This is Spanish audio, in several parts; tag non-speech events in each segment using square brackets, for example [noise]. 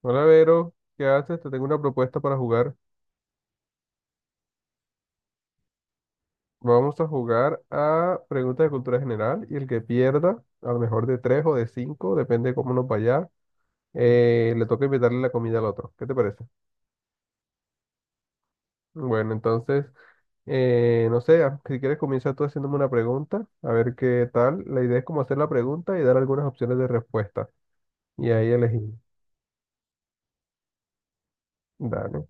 Hola Vero, ¿qué haces? Te tengo una propuesta para jugar. Vamos a jugar a preguntas de cultura general y el que pierda, a lo mejor de tres o de cinco, depende de cómo nos vaya, le toca invitarle la comida al otro. ¿Qué te parece? Bueno, entonces, no sé, ah, si quieres comienza tú haciéndome una pregunta, a ver qué tal. La idea es como hacer la pregunta y dar algunas opciones de respuesta. Y ahí elegí. Dale.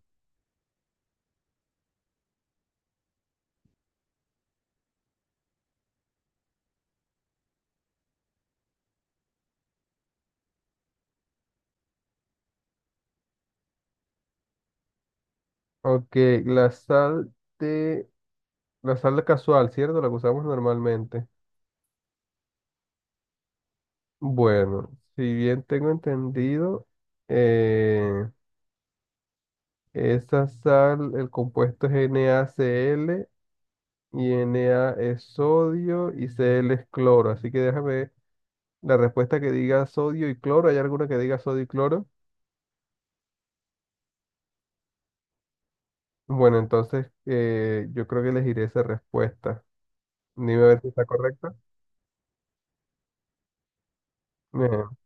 Ok, la sal de... la sal casual, ¿cierto? La que usamos normalmente. Bueno, si bien tengo entendido, eh, esa sal, el compuesto es NaCl y Na es sodio y Cl es cloro. Así que déjame ver la respuesta que diga sodio y cloro. ¿Hay alguna que diga sodio y cloro? Bueno, entonces yo creo que elegiré esa respuesta. Dime a ver si está correcta. Bien,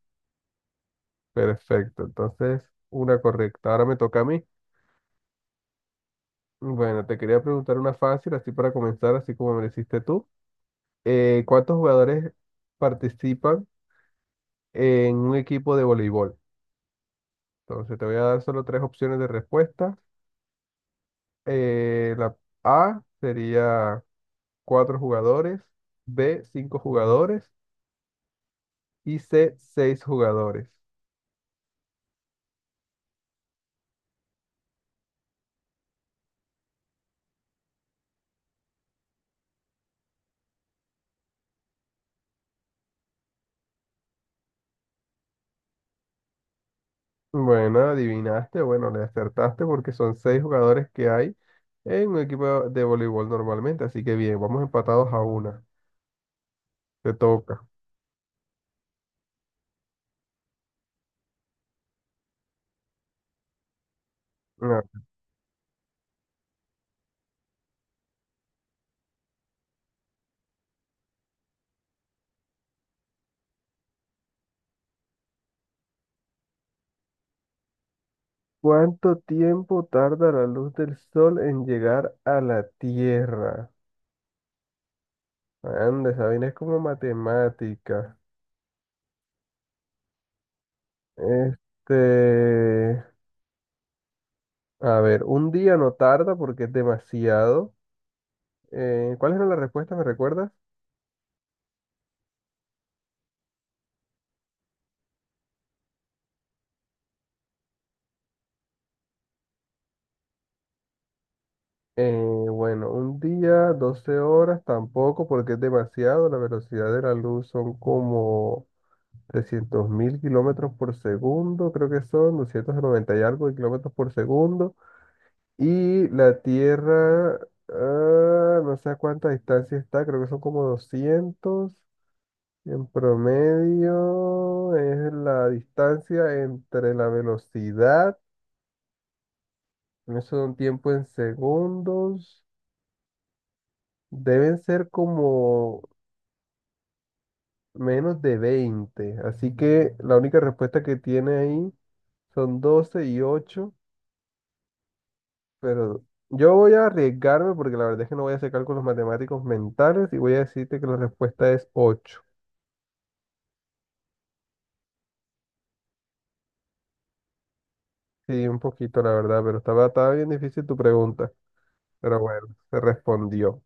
perfecto. Entonces, una correcta. Ahora me toca a mí. Bueno, te quería preguntar una fácil, así para comenzar, así como me la hiciste tú. ¿Cuántos jugadores participan en un equipo de voleibol? Entonces te voy a dar solo tres opciones de respuesta. La A sería cuatro jugadores, B cinco jugadores y C seis jugadores. Bueno, adivinaste, bueno, le acertaste porque son seis jugadores que hay en un equipo de voleibol normalmente, así que bien, vamos empatados a una. Te toca. ¿Cuánto tiempo tarda la luz del sol en llegar a la Tierra? Anda, esa vaina es como matemática. Este, a ver, un día no tarda porque es demasiado. ¿Cuáles eran las respuestas? ¿Me recuerdas? Eh, bueno, un día, 12 horas tampoco porque es demasiado. La velocidad de la luz son como 300.000 kilómetros por segundo, creo que son 290 y algo de kilómetros por segundo. Y la Tierra, ah, no sé a cuánta distancia está, creo que son como doscientos. En promedio es la distancia entre la velocidad, eso da un tiempo en segundos, deben ser como menos de 20. Así que la única respuesta que tiene ahí son 12 y ocho, pero yo voy a arriesgarme porque la verdad es que no voy a hacer cálculos matemáticos mentales y voy a decirte que la respuesta es ocho. Sí, un poquito, la verdad, pero estaba bien difícil tu pregunta. Pero bueno, se respondió.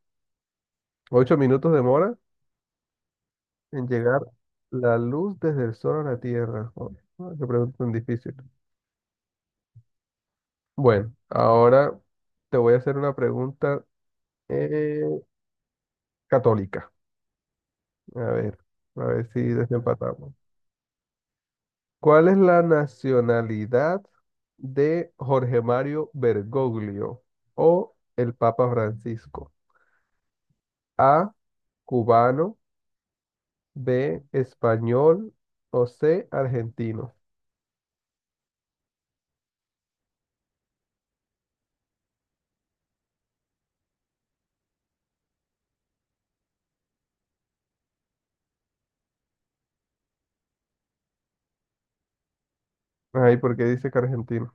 8 minutos demora en llegar la luz desde el sol a la Tierra. Oh, oh, qué pregunta tan difícil. Bueno, ahora te voy a hacer una pregunta eh, católica. A ver, a ver si desempatamos. ¿Cuál es la nacionalidad de Jorge Mario Bergoglio o el Papa Francisco? A, cubano. B, español o C, argentino. Ay, ¿por qué dice que argentino?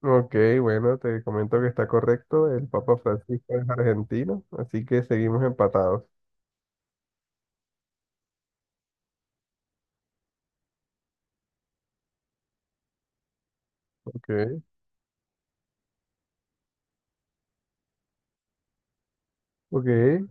Ok, bueno, te comento que está correcto. El Papa Francisco es argentino, así que seguimos empatados. Ok, ok.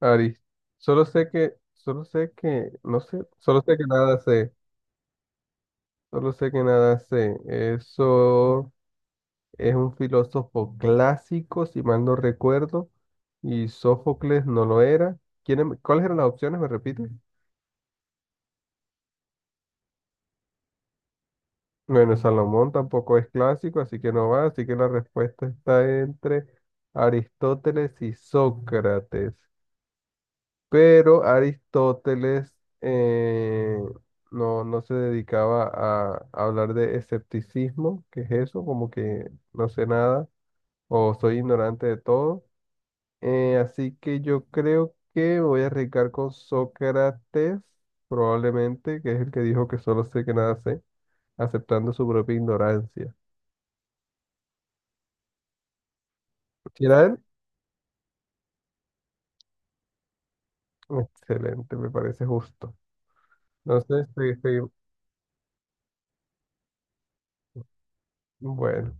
Ari, solo sé que, no sé, solo sé que nada sé, solo sé que nada sé. Eso es un filósofo clásico, si mal no recuerdo, y Sófocles no lo era. ¿Cuáles eran las opciones? ¿Me repite? Bueno, Salomón tampoco es clásico, así que no va, así que la respuesta está entre Aristóteles y Sócrates. Pero Aristóteles eh, no, no se dedicaba a hablar de escepticismo, que es eso, como que no sé nada o soy ignorante de todo. Así que yo creo que me voy a arriesgar con Sócrates, probablemente, que es el que dijo que solo sé que nada sé, aceptando su propia ignorancia. ¿Será él? Excelente, me parece justo. Entonces, sí, sí, bueno,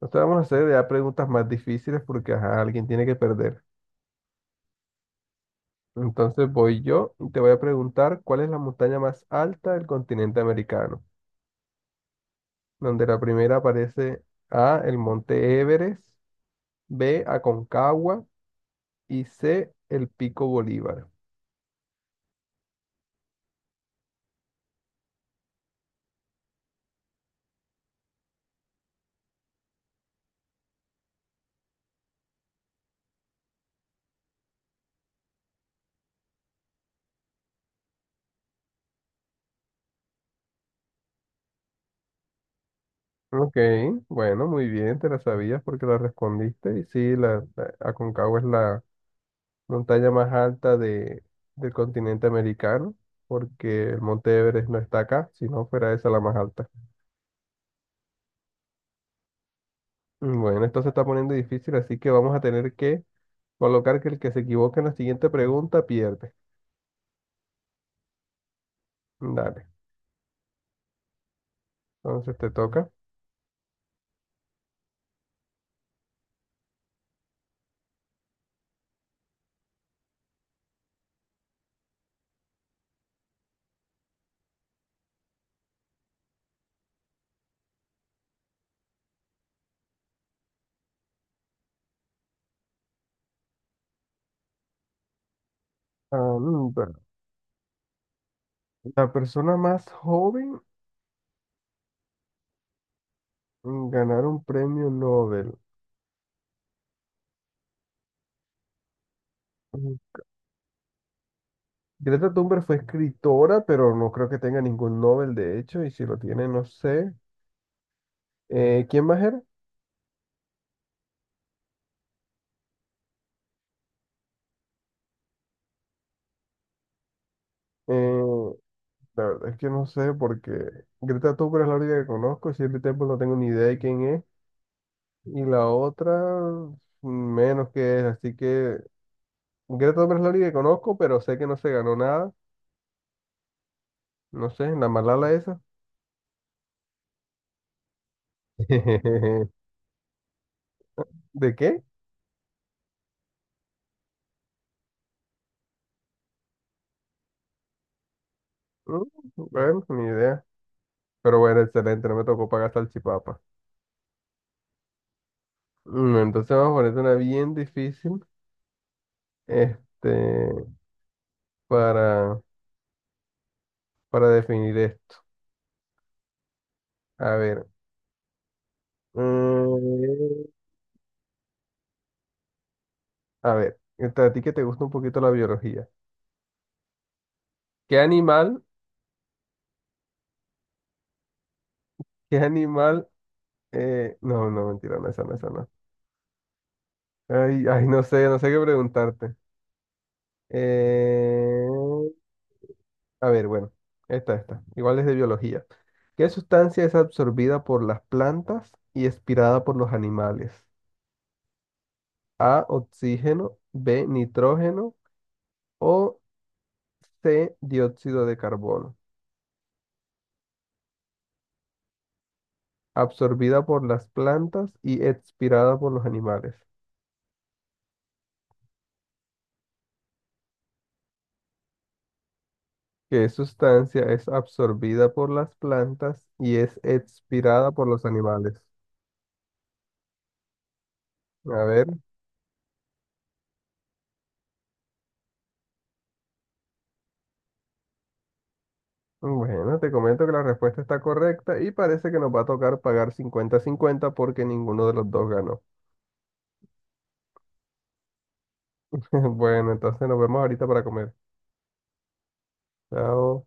entonces vamos a hacer ya preguntas más difíciles porque ajá, alguien tiene que perder. Entonces voy yo y te voy a preguntar cuál es la montaña más alta del continente americano, donde la primera aparece. A, el Monte Everest, B, Aconcagua y C, el Pico Bolívar. Ok, bueno, muy bien, te la sabías porque la respondiste y sí, la Aconcagua es la montaña más alta del continente americano, porque el Monte Everest no está acá, si no fuera esa la más alta. Bueno, esto se está poniendo difícil, así que vamos a tener que colocar que el que se equivoque en la siguiente pregunta pierde. Dale, entonces te toca. Ah, bueno, la persona más joven en ganar un premio Nobel. Mm, Greta Thunberg fue escritora, pero no creo que tenga ningún Nobel, de hecho, y si lo tiene, no sé. ¿Quién más era? Eh, La verdad es que no sé porque Greta Thunberg es la única que conozco, Shirley Temple no tengo ni idea de quién es y la otra menos que es, así que Greta Thunberg es la única que conozco, pero sé que no se ganó nada, no sé, la Malala esa. [laughs] ¿De qué? Mm, Bueno, ni idea. Pero bueno, excelente, no me tocó pagar salchipapa. Entonces vamos a ponerte una bien difícil, este, para, para, definir esto. A ver. mm, A ver, a ti que te gusta un poquito la biología. ¿Qué animal, qué animal, no, no, mentira, no, esa no, esa no. Ay, ay, no sé, no sé qué preguntarte. Eh, a ver, bueno, esta, igual es de biología. ¿Qué sustancia es absorbida por las plantas y expirada por los animales? A, oxígeno, B, nitrógeno o C, dióxido de carbono. Absorbida por las plantas y expirada por los animales. Que sustancia es absorbida por las plantas y es expirada por los animales? A ver, bueno, te comento que la respuesta está correcta y parece que nos va a tocar pagar 50/50 porque ninguno de los dos ganó. [laughs] Bueno, entonces nos vemos ahorita para comer. Chao.